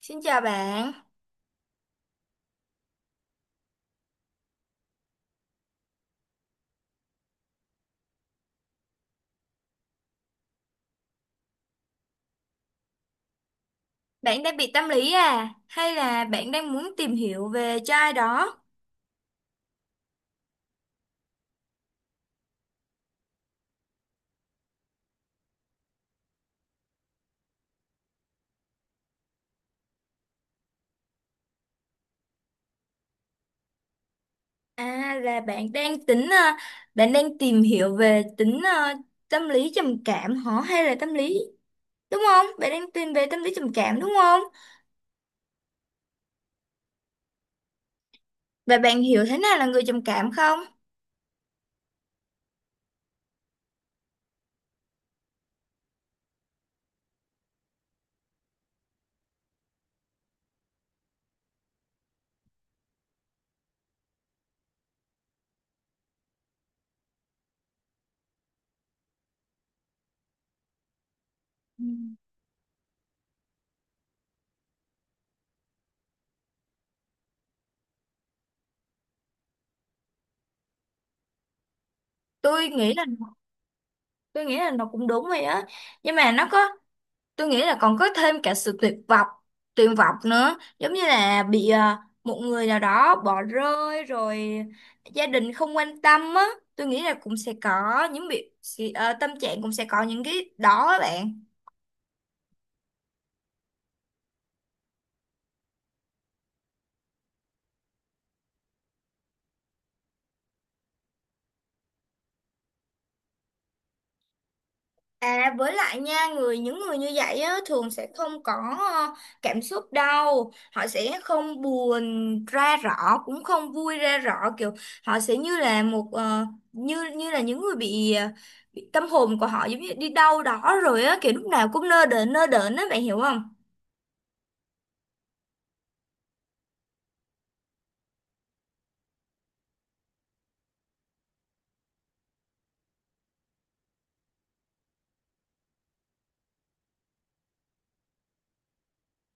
Xin chào bạn, bạn đang bị tâm lý à? Hay là bạn đang muốn tìm hiểu về cho ai đó? À là bạn đang tính, bạn đang tìm hiểu về tính tâm lý trầm cảm hả? Hay là tâm lý, đúng không? Bạn đang tìm về tâm lý trầm cảm đúng không? Và bạn hiểu thế nào là người trầm cảm không? Ừ. Tôi nghĩ là tôi nghĩ là nó cũng đúng vậy á, nhưng mà nó có tôi nghĩ là còn có thêm cả sự tuyệt vọng nữa, giống như là bị à, một người nào đó bỏ rơi rồi, gia đình không quan tâm á. Tôi nghĩ là cũng sẽ có những tâm trạng cũng sẽ có những cái đó á bạn. À, với lại nha, những người như vậy á, thường sẽ không có ờ, cảm xúc đâu, họ sẽ không buồn ra rõ, cũng không vui ra rõ, kiểu họ sẽ như là một ờ, như như là những người bị, bị tâm hồn của họ giống như đi đâu đó rồi á, kiểu lúc nào cũng nơ đờn á, bạn hiểu không?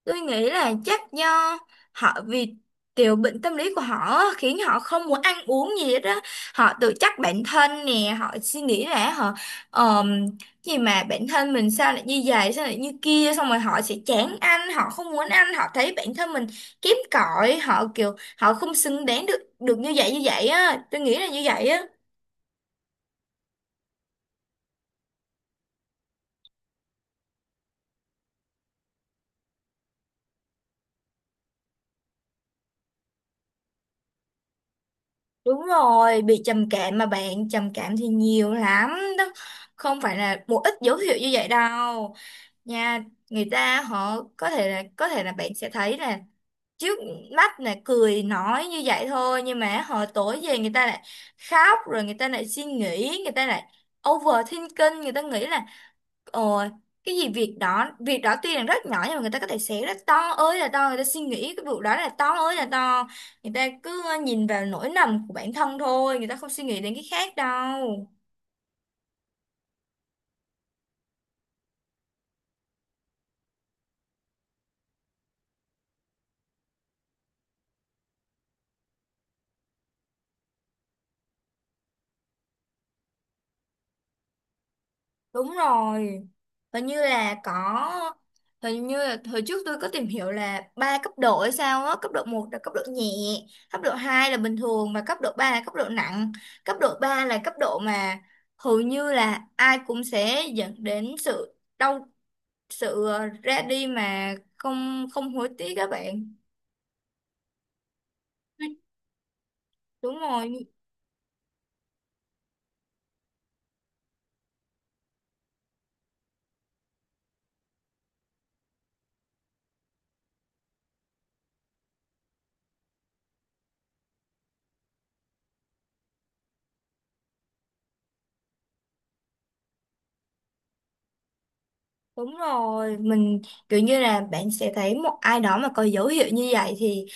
Tôi nghĩ là chắc do họ vì tiểu bệnh tâm lý của họ á, khiến họ không muốn ăn uống gì hết á. Họ tự trách bản thân nè, họ suy nghĩ là họ ờm, gì mà bản thân mình sao lại như vậy, sao lại như kia, xong rồi họ sẽ chán ăn, họ không muốn ăn, họ thấy bản thân mình kém cỏi, họ kiểu họ không xứng đáng được được như vậy á. Tôi nghĩ là như vậy á. Đúng rồi, bị trầm cảm mà bạn, trầm cảm thì nhiều lắm đó. Không phải là một ít dấu hiệu như vậy đâu nha. Người ta họ có thể là bạn sẽ thấy là trước mắt là cười nói như vậy thôi, nhưng mà họ tối về người ta lại khóc, rồi người ta lại suy nghĩ, người ta lại overthinking, người ta nghĩ là ồ, cái gì việc đó tuy là rất nhỏ nhưng mà người ta có thể xé rất to, ơi là to, người ta suy nghĩ cái vụ đó là to ơi là to, người ta cứ nhìn vào nỗi lầm của bản thân thôi, người ta không suy nghĩ đến cái khác đâu. Đúng rồi. Hình như là có hình như là hồi trước tôi có tìm hiểu là ba cấp độ hay sao á, cấp độ một là cấp độ nhẹ, cấp độ 2 là bình thường và cấp độ 3 là cấp độ nặng. Cấp độ 3 là cấp độ mà hầu như là ai cũng sẽ dẫn đến sự đau sự ờ, ra đi mà không không hối tiếc các bạn. Đúng rồi, Đúng rồi, mình kiểu như là bạn sẽ thấy một ai đó mà có dấu hiệu như vậy thì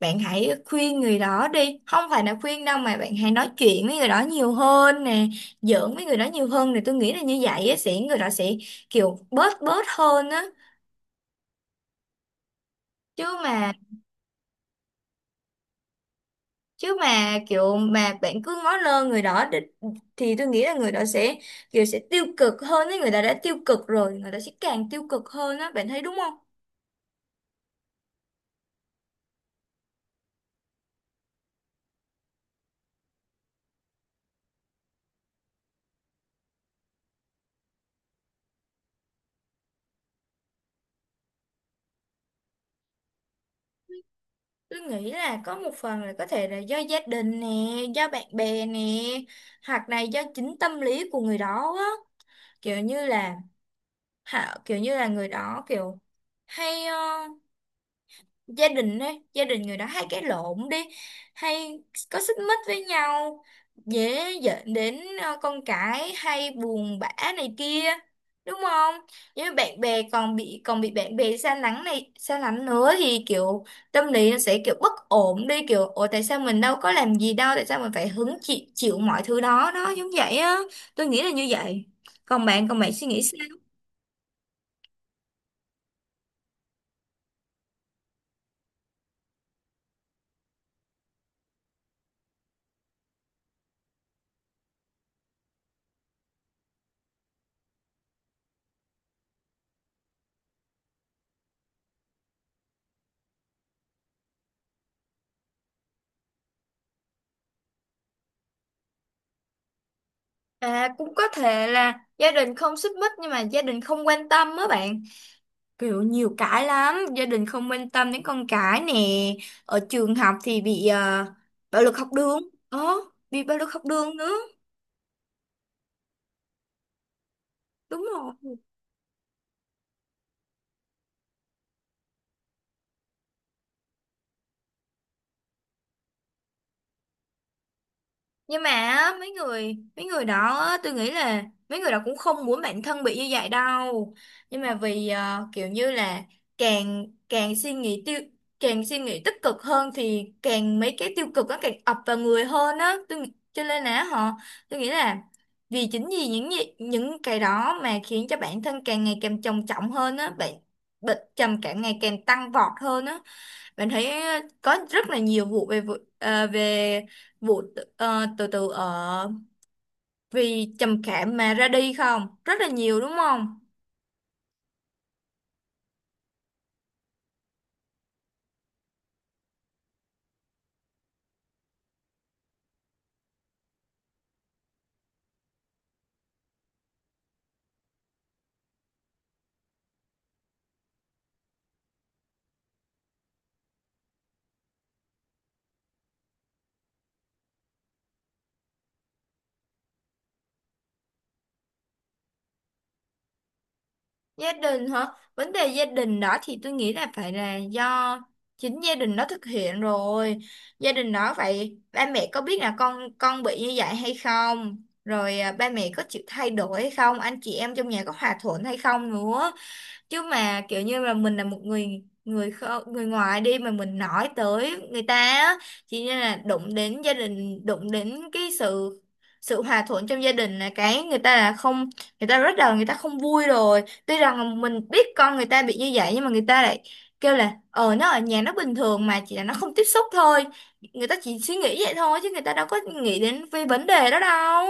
bạn hãy khuyên người đó đi. Không phải là khuyên đâu mà bạn hãy nói chuyện với người đó nhiều hơn nè, giỡn với người đó nhiều hơn thì tôi nghĩ là như vậy á, sẽ người đó sẽ kiểu bớt bớt hơn á. Chứ mà chứ mà kiểu mà bạn cứ ngó lơ thì tôi nghĩ là người đó sẽ kiểu sẽ tiêu cực hơn ấy, người ta đã tiêu cực rồi, người ta sẽ càng tiêu cực hơn á, bạn thấy đúng không? Tôi nghĩ là có một phần là có thể là do gia đình nè, do bạn bè nè, hoặc là do chính tâm lý của người đó á. Kiểu như là họ người đó kiểu hay gia đình ấy, gia đình người đó hay cãi lộn đi, hay có xích mích với nhau, dễ dẫn đến con cái hay buồn bã này kia, đúng không? Với bạn bè còn bị bạn bè xa lánh này, xa lánh nữa, thì kiểu tâm lý nó sẽ kiểu bất ổn đi, kiểu ủa tại sao mình đâu có làm gì đâu, tại sao mình phải hứng chịu chịu mọi thứ đó đó giống vậy á. Tôi nghĩ là như vậy. Còn bạn suy nghĩ sao? À cũng có thể là gia đình không xích mích nhưng mà gia đình không quan tâm á bạn. Kiểu nhiều cái lắm, gia đình không quan tâm đến con cái nè, ở trường học thì bị bạo lực học đường. Ờ, bị bạo lực học đường nữa. Đúng rồi. Nhưng mà á, mấy người đó á, tôi nghĩ là mấy người đó cũng không muốn bản thân bị như vậy đâu, nhưng mà vì kiểu như là càng càng suy nghĩ tiêu càng suy nghĩ tích cực hơn thì càng mấy cái tiêu cực nó càng ập vào người hơn á, tôi nghĩ- cho nên là họ tôi nghĩ là vì chính vì những những cái đó mà khiến cho bản thân càng ngày càng trầm trọng hơn á, bệnh bệnh trầm cảm ngày càng tăng vọt hơn á. Bạn thấy có rất là nhiều vụ về tự tử ở vì trầm cảm mà ra đi không? Rất là nhiều đúng không? Gia đình hả? Vấn đề gia đình đó thì tôi nghĩ là phải là do chính gia đình đó thực hiện rồi. Gia đình đó vậy ba mẹ có biết là con bị như vậy hay không? Rồi à, ba mẹ có chịu thay đổi hay không? Anh chị em trong nhà có hòa thuận hay không nữa? Chứ mà kiểu như là mình là một người người người ngoài đi mà mình nói tới người ta á, chỉ như là đụng đến gia đình, đụng đến cái sự sự hòa thuận trong gia đình là người ta là không, người ta không vui rồi. Tuy rằng là mình biết con người ta bị như vậy nhưng mà người ta lại kêu là ờ, nó ở nhà nó bình thường mà, chỉ là nó không tiếp xúc thôi. Người ta chỉ suy nghĩ vậy thôi chứ người ta đâu có nghĩ đến về vấn đề đó đâu.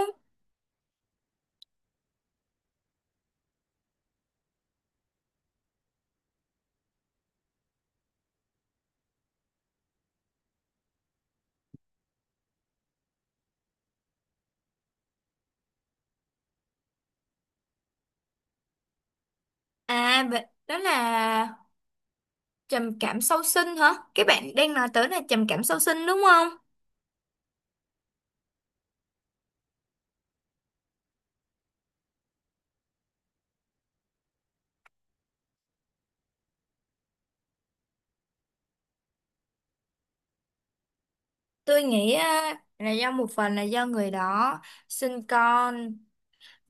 À vậy- đó là Trầm cảm sau sinh hả? Cái bạn đang nói tới là trầm cảm sau sinh đúng không? Tôi nghĩ à, là do một phần là do người đó sinh con,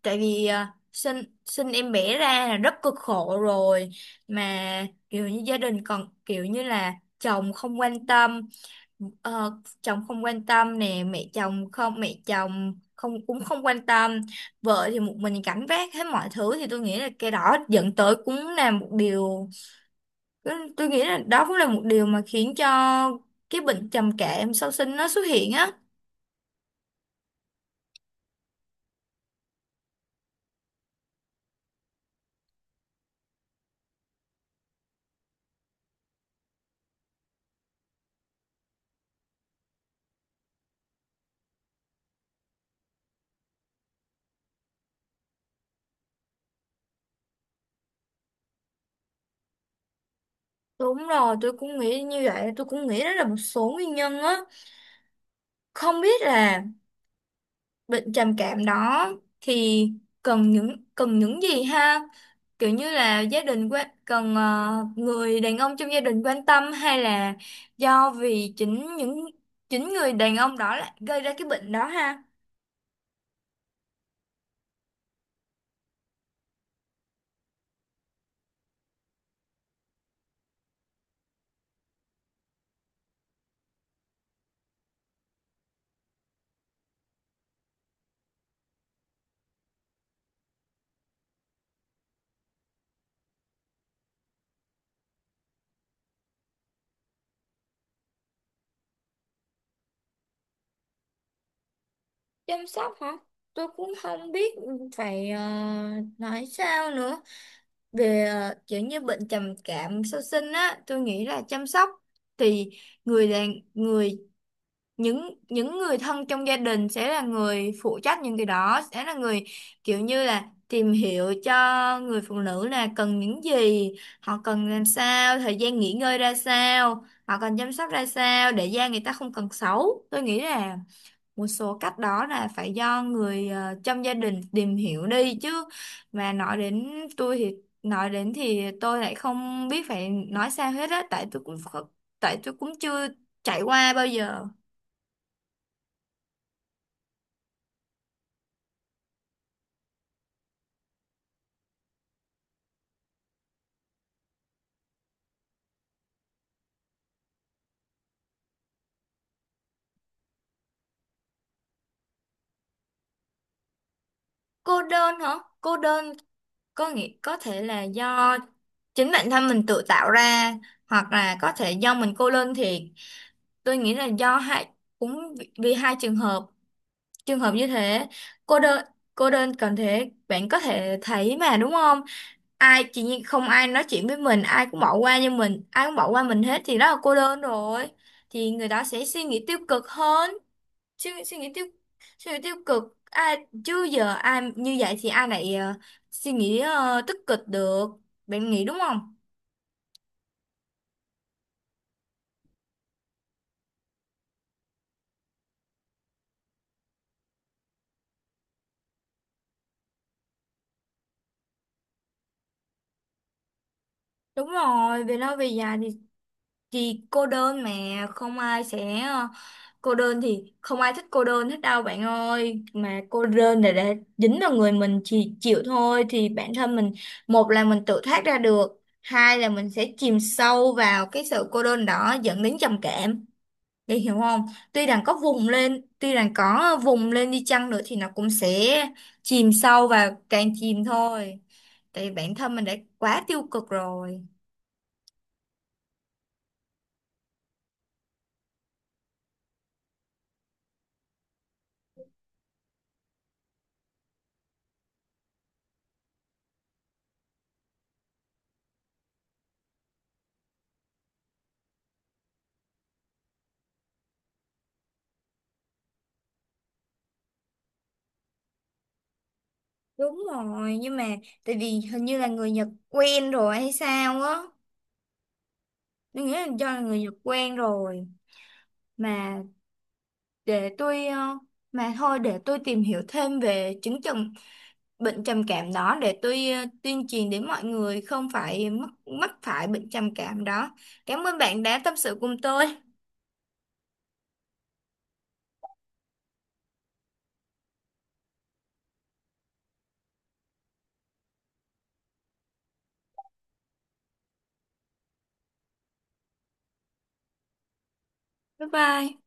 tại vì à, sinh sinh em bé ra là rất cực khổ rồi, mà kiểu như gia đình còn kiểu như là chồng không quan tâm, ờ, chồng không quan tâm nè, mẹ chồng không cũng không quan tâm, vợ thì một mình gánh vác hết mọi thứ, thì tôi nghĩ là cái đó dẫn tới cũng là một điều. Tôi nghĩ là đó cũng là một điều mà khiến cho cái bệnh trầm cảm sau sinh nó xuất hiện á. Đúng rồi, tôi cũng nghĩ như vậy, tôi cũng nghĩ đó là một số nguyên nhân á. Không biết là bệnh trầm cảm đó thì cần những gì ha? Kiểu như là gia đình quan cần ờ, người đàn ông trong gia đình quan tâm, hay là do vì chính người đàn ông đó lại gây ra cái bệnh đó ha? Chăm sóc hả? Tôi cũng không biết phải nói sao nữa. Về kiểu như bệnh trầm cảm sau sinh á, tôi nghĩ là chăm sóc thì người là người những người thân trong gia đình sẽ là người phụ trách những cái đó, sẽ là người kiểu như là tìm hiểu cho người phụ nữ là cần những gì, họ cần làm sao, thời gian nghỉ ngơi ra sao, họ cần chăm sóc ra sao để da người ta không cần xấu. Tôi nghĩ là một số cách đó là phải do người trong gia đình tìm hiểu đi. Chứ mà nói đến tôi thì nói đến thì tôi lại không biết phải nói sao hết á, tại tôi cũng chưa trải qua bao giờ. Cô đơn hả? Cô đơn có nghĩa có thể là do chính bản thân mình tự tạo ra, hoặc là có thể do mình cô đơn thiệt. Tôi nghĩ là do hai, cũng vì vì hai trường hợp. Trường hợp như thế, cô đơn cô đơn cần thế, bạn có thể thấy mà đúng không? Ai chỉ như không ai nói chuyện với mình, ai cũng bỏ qua như mình, ai cũng bỏ qua mình hết thì đó là cô đơn rồi. Thì người đó sẽ suy nghĩ tiêu cực hơn, suy, suy nghĩ tiêu suy nghĩ tiêu cực. Ai chứ giờ ai như vậy thì ai lại suy nghĩ tích cực được. Bạn nghĩ đúng không? Đúng rồi, về lâu về dài thì cô đơn mà không cô đơn thì không ai thích cô đơn hết đâu bạn ơi, mà cô đơn là để dính vào người mình chỉ chịu thôi, thì bản thân mình một là mình tự thoát ra được, hai là mình sẽ chìm sâu vào cái sự cô đơn đó dẫn đến trầm cảm, để hiểu không? Tuy rằng có vùng lên tuy rằng có vùng lên đi chăng nữa thì nó cũng sẽ chìm sâu và càng chìm thôi, tại vì bản thân mình đã quá tiêu cực rồi. Đúng rồi, nhưng mà tại vì hình như là người Nhật quen rồi hay sao á. Tôi nghĩ là do là người Nhật quen rồi. Mà để tôi, ờ, mà thôi để tôi tìm hiểu thêm về chứng trầm bệnh trầm cảm đó để tôi tuyên truyền đến mọi người không phải mắc phải bệnh trầm cảm đó. Cảm ơn bạn đã tâm sự cùng tôi. Bye bye.